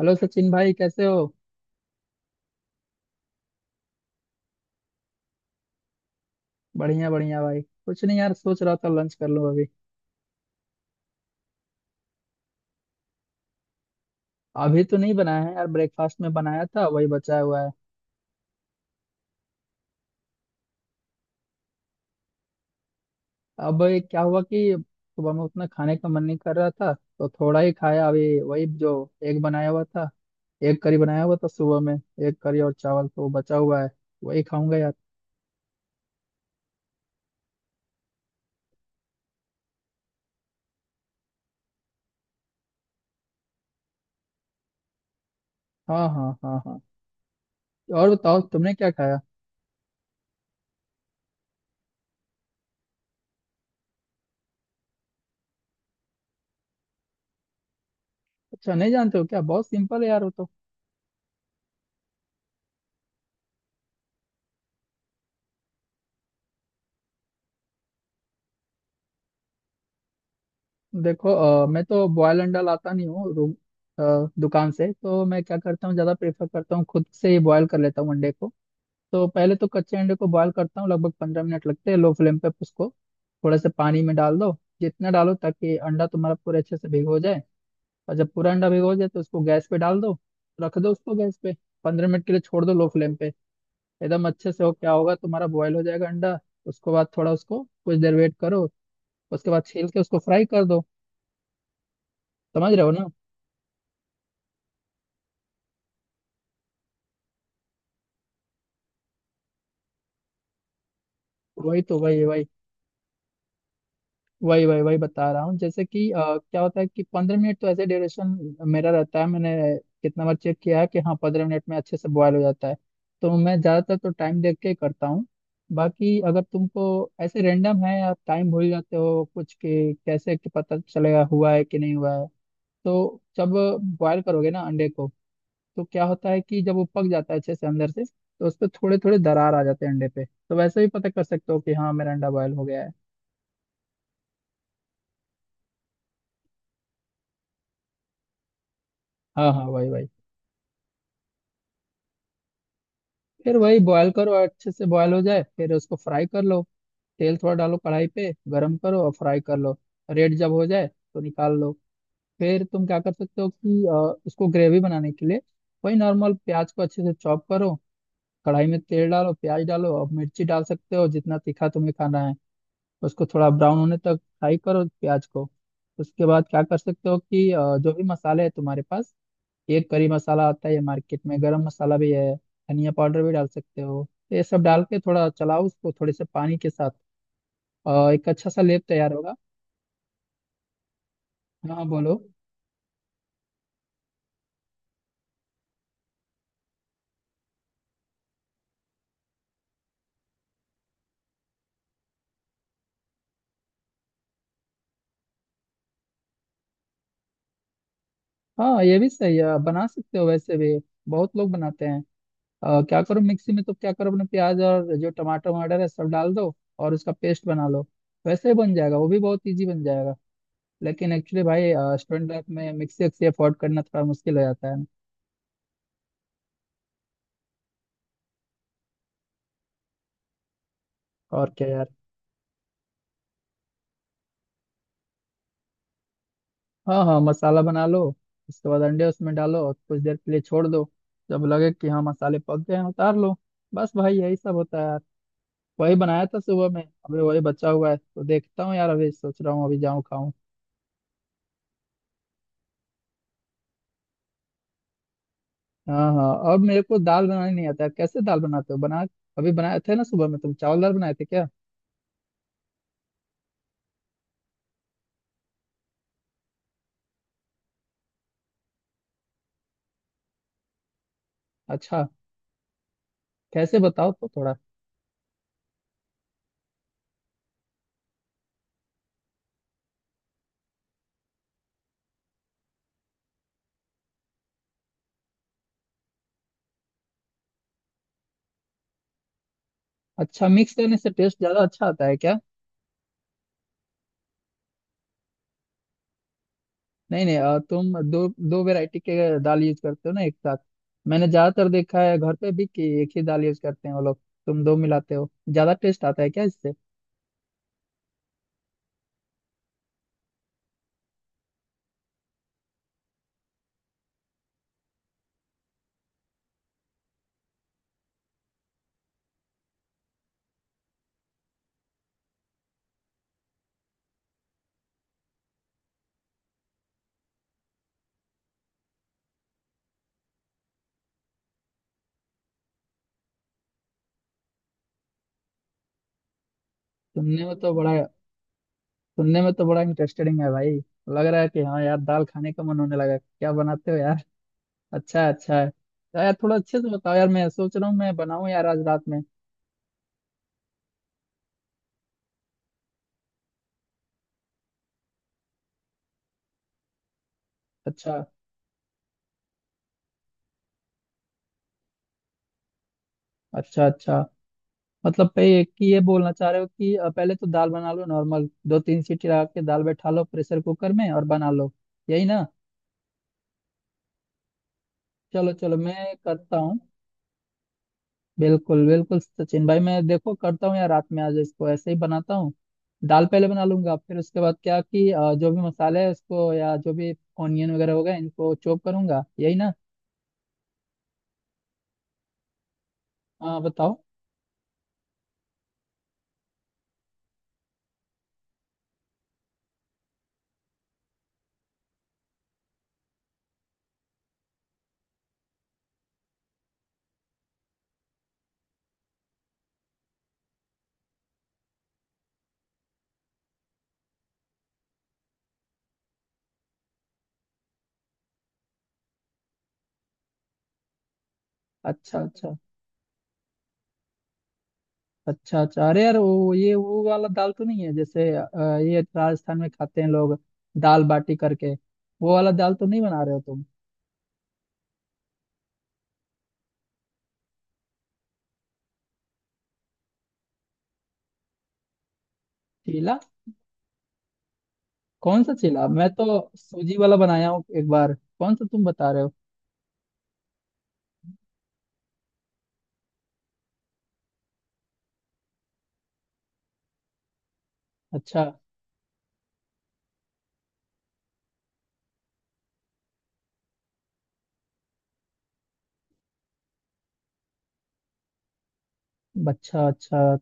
Hello Sachin भाई, कैसे हो? बढ़िया बढ़िया भाई। कुछ नहीं यार, सोच रहा था लंच कर लूं अभी। अभी तो नहीं बनाया है यार। ब्रेकफास्ट में बनाया था, वही बचा हुआ है। अब ये क्या हुआ कि सुबह में उतना खाने का मन नहीं कर रहा था तो थोड़ा ही खाया। अभी वही जो एग बनाया हुआ था। एग करी बनाया हुआ था सुबह में। एग करी और चावल तो बचा हुआ है, वही खाऊंगा यार। हाँ, हाँ, हाँ, हाँ। और बताओ तुमने क्या खाया? अच्छा, नहीं जानते हो क्या? बहुत सिंपल है यार वो तो। देखो, मैं तो बॉयल अंडा लाता नहीं हूँ रूम। दुकान से तो मैं क्या करता हूँ, ज़्यादा प्रेफर करता हूँ खुद से ही बॉयल कर लेता हूँ अंडे को। तो पहले तो कच्चे अंडे को बॉयल करता हूँ, लगभग 15 मिनट लगते हैं लो फ्लेम पे उसको। थोड़ा सा पानी में डाल दो, जितना डालो ताकि अंडा तुम्हारा पूरे अच्छे से भिगो जाए। और जब पूरा अंडा भिगो जाए तो उसको गैस पे डाल दो, रख दो उसको गैस पे। 15 मिनट के लिए छोड़ दो लो फ्लेम पे एकदम अच्छे से। हो क्या होगा, तुम्हारा बॉयल हो जाएगा अंडा। उसके बाद थोड़ा उसको कुछ देर वेट करो, उसके बाद छील के उसको फ्राई कर दो। समझ रहे हो? वही तो, वही वही वही वही वही बता रहा हूँ जैसे कि क्या होता है कि 15 मिनट तो ऐसे ड्यूरेशन मेरा रहता है। मैंने कितना बार चेक किया है कि हाँ, 15 मिनट में अच्छे से बॉयल हो जाता है। तो मैं ज़्यादातर तो टाइम देख के ही करता हूँ। बाकी अगर तुमको ऐसे रेंडम है, आप टाइम भूल जाते हो कुछ के, कैसे कि पता चलेगा हुआ है कि नहीं हुआ है। तो जब बॉयल करोगे ना अंडे को तो क्या होता है कि जब वो पक जाता है अच्छे से अंदर से तो उस पर थोड़े थोड़े दरार आ जाते हैं अंडे पे, तो वैसे भी पता कर सकते हो कि हाँ मेरा अंडा बॉयल हो गया है। हाँ हाँ, वही वही। फिर वही, बॉयल करो अच्छे से, बॉयल हो जाए फिर उसको फ्राई कर लो। तेल थोड़ा डालो, कढ़ाई पे गरम करो और फ्राई कर लो। रेड जब हो जाए तो निकाल लो। फिर तुम क्या कर सकते हो कि उसको ग्रेवी बनाने के लिए वही नॉर्मल प्याज को अच्छे से चॉप करो। कढ़ाई में तेल डालो, प्याज डालो और मिर्ची डाल सकते हो जितना तीखा तुम्हें खाना है। उसको थोड़ा ब्राउन होने तक फ्राई करो प्याज को। उसके बाद क्या कर सकते हो कि जो भी मसाले है तुम्हारे पास। एक करी मसाला आता है मार्केट में, गरम मसाला भी है, धनिया पाउडर भी डाल सकते हो। तो ये सब डाल के थोड़ा चलाओ उसको थोड़े से पानी के साथ। एक अच्छा सा लेप तैयार होगा। हाँ, बोलो। हाँ, ये भी सही है, बना सकते हो वैसे भी, बहुत लोग बनाते हैं। क्या करो मिक्सी में, तो क्या करो अपने प्याज और जो टमाटर वमाटर है सब डाल दो और उसका पेस्ट बना लो। वैसे ही बन जाएगा वो भी, बहुत इजी बन जाएगा। लेकिन एक्चुअली भाई, स्टूडेंट लाइफ में मिक्सी एक्सी अफोर्ड करना थोड़ा मुश्किल हो जाता है। और क्या यार। हाँ हाँ, मसाला बना लो, उसके बाद अंडे उसमें डालो और कुछ देर के लिए छोड़ दो। जब लगे कि हाँ मसाले पक गए हैं, उतार लो। बस भाई यही सब होता है यार। वही बनाया था सुबह में, अभी वही बचा हुआ है, तो देखता हूँ यार, अभी सोच रहा हूँ अभी जाऊँ खाऊं। हाँ हाँ, और मेरे को दाल बनानी नहीं आता, कैसे दाल बनाते हो बना। अभी बनाए थे ना सुबह में, तुम चावल दाल बनाए थे क्या? अच्छा, कैसे बताओ तो थोड़ा। अच्छा, मिक्स करने से टेस्ट ज्यादा अच्छा आता है क्या? नहीं नहीं, तुम दो दो वैरायटी के दाल यूज करते हो ना एक साथ। मैंने ज्यादातर देखा है घर पे भी कि एक ही दाल यूज करते हैं वो लोग। तुम दो मिलाते हो, ज्यादा टेस्ट आता है क्या इससे? सुनने में तो बड़ा सुनने में तो बड़ा इंटरेस्टिंग है भाई। लग रहा है कि हाँ यार, दाल खाने का मन होने लगा, क्या बनाते हो यार। अच्छा है अच्छा है, तो यार थोड़ा अच्छे से बताओ यार, मैं सोच रहा हूँ मैं बनाऊँ यार आज रात में। अच्छा अच्छा अच्छा, मतलब पे एक ही ये बोलना चाह रहे हो कि पहले तो दाल बना लो नॉर्मल, दो तीन सीटी लगा के दाल बैठा लो प्रेशर कुकर में और बना लो। यही ना? चलो चलो, मैं करता हूँ। बिल्कुल बिल्कुल सचिन भाई, मैं देखो करता हूँ यार रात में आज, इसको ऐसे ही बनाता हूँ। दाल पहले बना लूंगा, फिर उसके बाद क्या कि जो भी मसाले है उसको, या जो भी ऑनियन वगैरह हो गए, इनको चॉप करूंगा। यही ना? हाँ, बताओ। अच्छा अच्छा अच्छा अच्छा, अरे यार वो, ये वो वाला दाल तो नहीं है जैसे ये राजस्थान में खाते हैं लोग दाल बाटी करके, वो वाला दाल तो नहीं बना रहे हो तुम? चीला? कौन सा चीला? मैं तो सूजी वाला बनाया हूँ एक बार। कौन सा तुम बता रहे हो? अच्छा अच्छा अच्छा,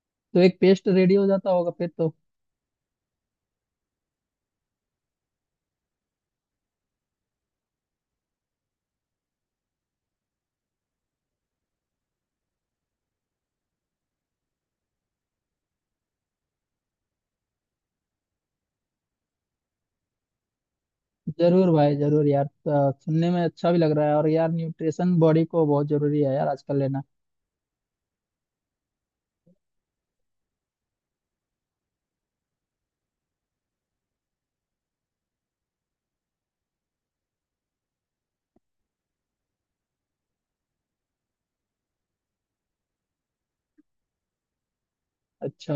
तो एक पेस्ट रेडी हो जाता होगा फिर तो। जरूर भाई जरूर यार, सुनने में अच्छा भी लग रहा है, और यार न्यूट्रिशन बॉडी को बहुत जरूरी है यार आजकल लेना। अच्छा,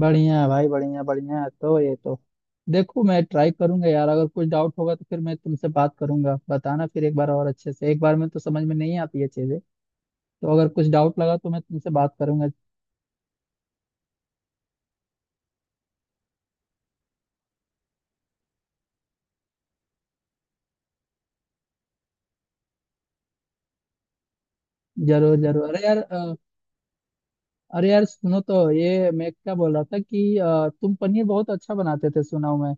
बढ़िया है भाई, बढ़िया बढ़िया है। तो ये तो, देखो मैं ट्राई करूंगा यार, अगर कुछ डाउट होगा तो फिर मैं तुमसे बात करूंगा, बताना फिर एक बार और अच्छे से, एक बार में तो समझ में नहीं आती है चीजें। तो अगर कुछ डाउट लगा तो मैं तुमसे बात करूंगा। जरूर जरूर, अरे यार अरे यार सुनो, तो ये मैं क्या बोल रहा था कि तुम पनीर बहुत अच्छा बनाते थे, सुना हूं मैं।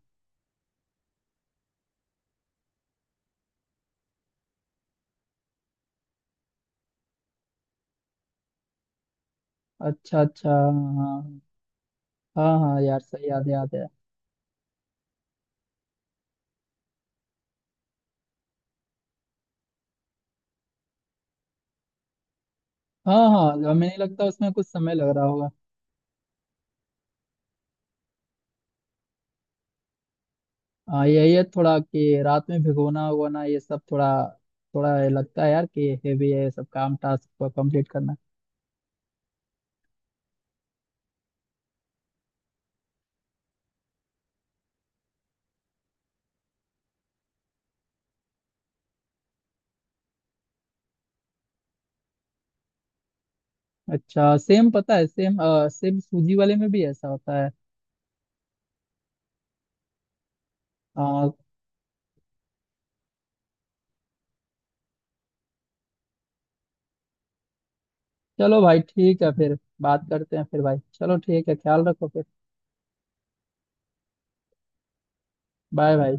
अच्छा अच्छा, हाँ। हाँ हाँ हाँ, यार सही, याद याद है। हाँ हाँ, हमें नहीं लगता उसमें कुछ समय लग रहा होगा। हाँ, यही है थोड़ा कि रात में भिगोना उगोना ये सब थोड़ा, थोड़ा ये लगता है यार कि हेवी है ये सब, काम टास्क को कंप्लीट करना। अच्छा, सेम पता है, सेम सेम सूजी वाले में भी ऐसा होता है। अ, चलो भाई ठीक है, फिर बात करते हैं फिर भाई, चलो ठीक है, ख्याल रखो फिर। बाय भाई।